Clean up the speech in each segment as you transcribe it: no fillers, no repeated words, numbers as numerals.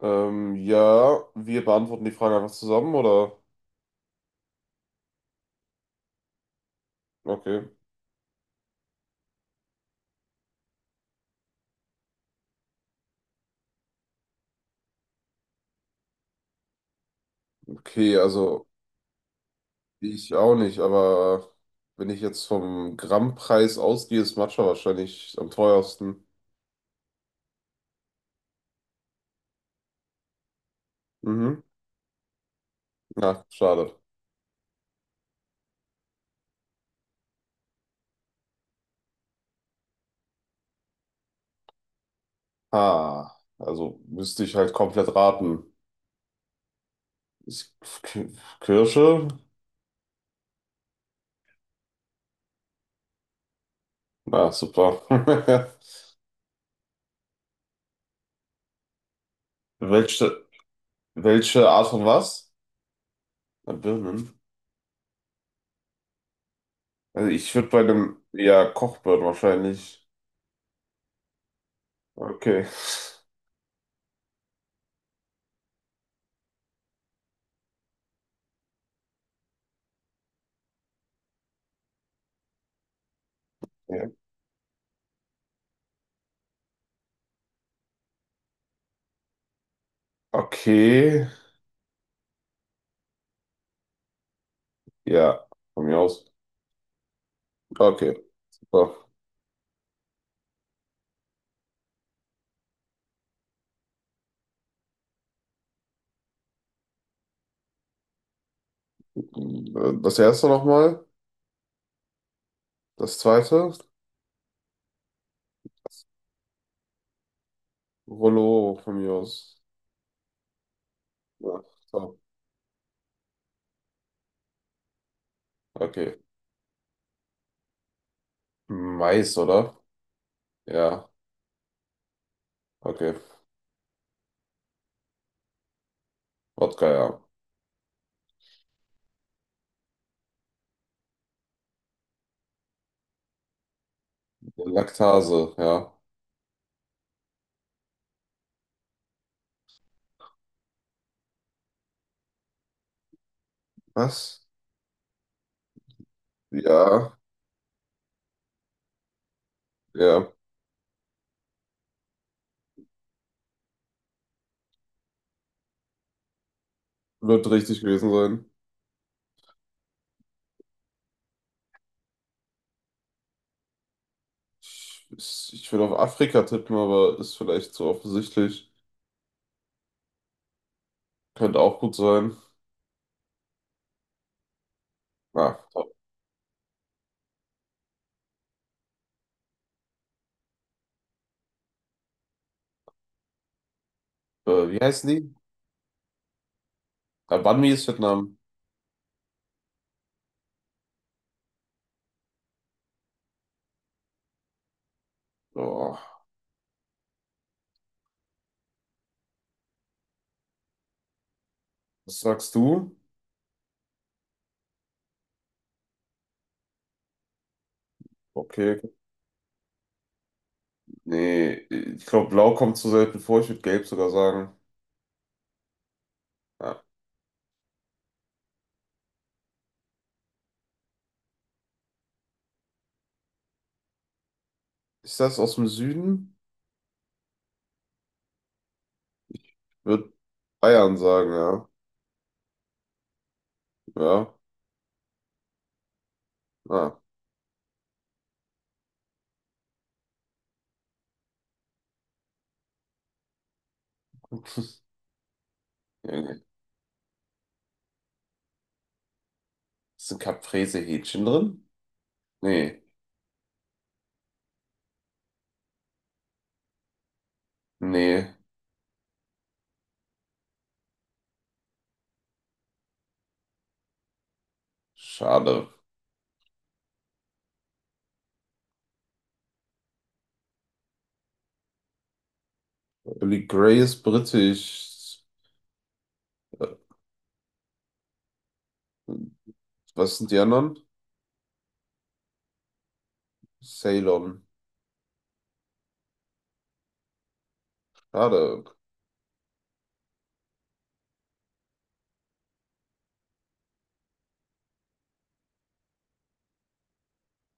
Ja, wir beantworten die Frage einfach zusammen, oder? Okay. Okay, also ich auch nicht, aber wenn ich jetzt vom Grammpreis ausgehe, ist Matcha wahrscheinlich am teuersten. Mhm. Na, schade. Ah, also müsste ich halt komplett raten. Ist K- Kirsche? Na, super. Welche, welche Art von was? Na, Birnen. Also ich würde bei einem, ja, Kochbirnen wahrscheinlich. Okay. Ja. Okay, ja, von mir aus. Okay, so. Das erste nochmal, das zweite, Rollo von mir aus. Ja, so. Okay, Mais, oder? Ja, okay, Wodka, ja. Laktase, ja. Was? Ja, ja, wird richtig gewesen sein. Ich würde auf Afrika tippen, aber ist vielleicht zu offensichtlich. Könnte auch gut sein. Ah, so. Wie heißen die? Ah, Banh Mi ist Vietnam. Oh, was sagst du? Okay, nee, ich glaube, Blau kommt zu selten vor. Ich würde Gelb sogar sagen. Ja. Ist das aus dem Süden? Würde Bayern sagen, ja. Ja, ah. Junge. Ist ein Caprese-Hähnchen drin? Nee, nee, schade. Billy Grey ist britisch. Äh, Was sind die anderen? Ceylon. Schade.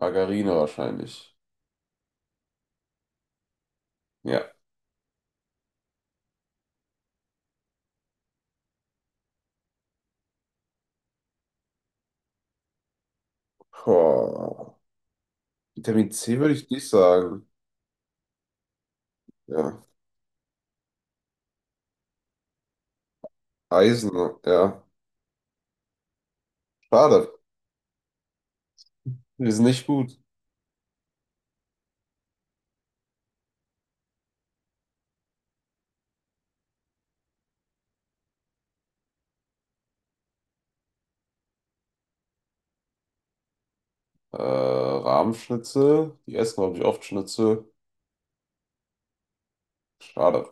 Margarine wahrscheinlich. Ja. Boah. Vitamin C würde ich nicht sagen. Ja. Eisen, ja. Schade. Wir sind nicht gut. Rahmschnitzel. Die essen, glaube ich, oft Schnitzel. Schade.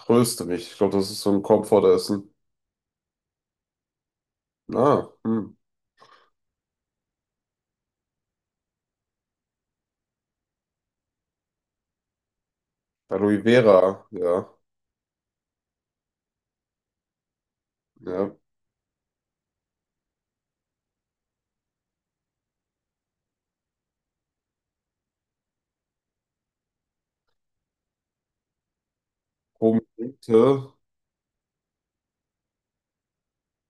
Tröste mich. Ich glaube, das ist so ein Komfortessen. Na, hm. Aloe Vera. Ja. Ja. Prominente.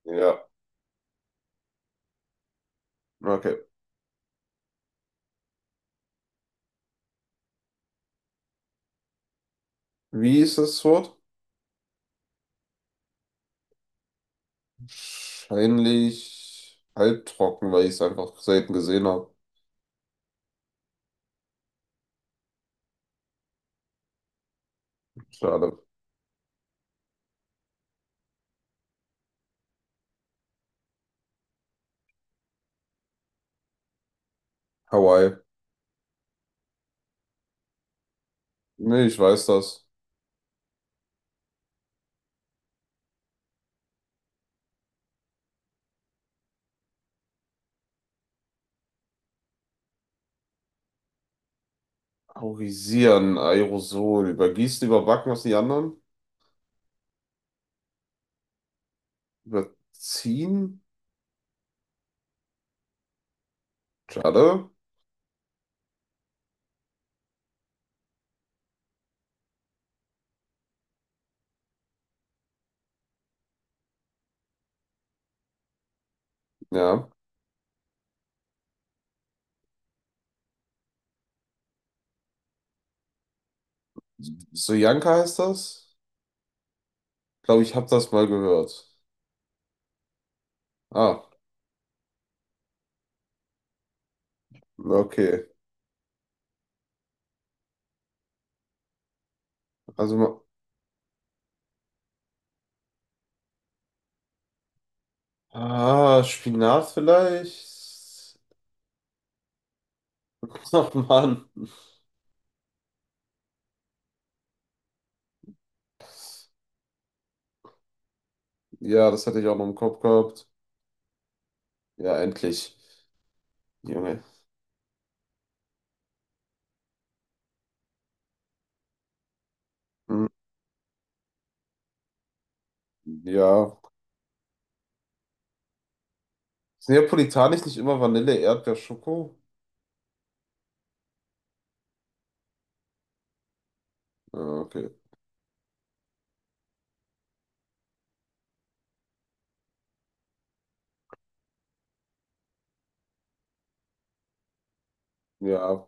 Ja. Okay. Wie ist das Wort? Wahrscheinlich halbtrocken, weil ich es einfach selten gesehen habe. Schade. Hawaii. Nee, ich weiß das. Aurisieren, Aerosol. Übergießen, überbacken, was die anderen? Überziehen? Schade. Ja. Sojanka heißt das? Glaube ich, habe das mal gehört. Ah, okay. Also, ah, Spinat vielleicht? Ach, Mann. Ja, das hatte ich auch noch im Kopf gehabt. Ja, endlich. Junge. Hm, ja. Ist Neapolitanisch nicht immer Vanille, Erdbeer, Schoko? Ah, okay. Ja,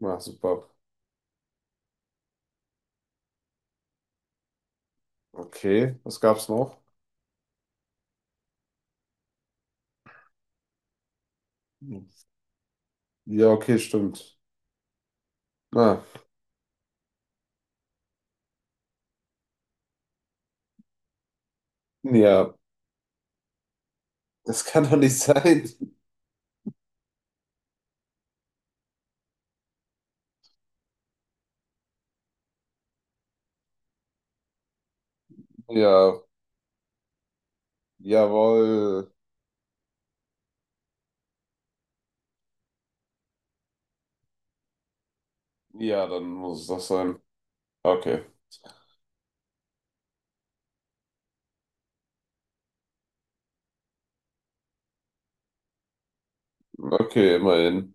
na, super. Okay, was gab's noch? Hm. Ja, okay, stimmt. Ah, ja, das kann doch nicht sein. Ja, jawohl. Ja, dann muss es das sein. Okay. Okay, immerhin.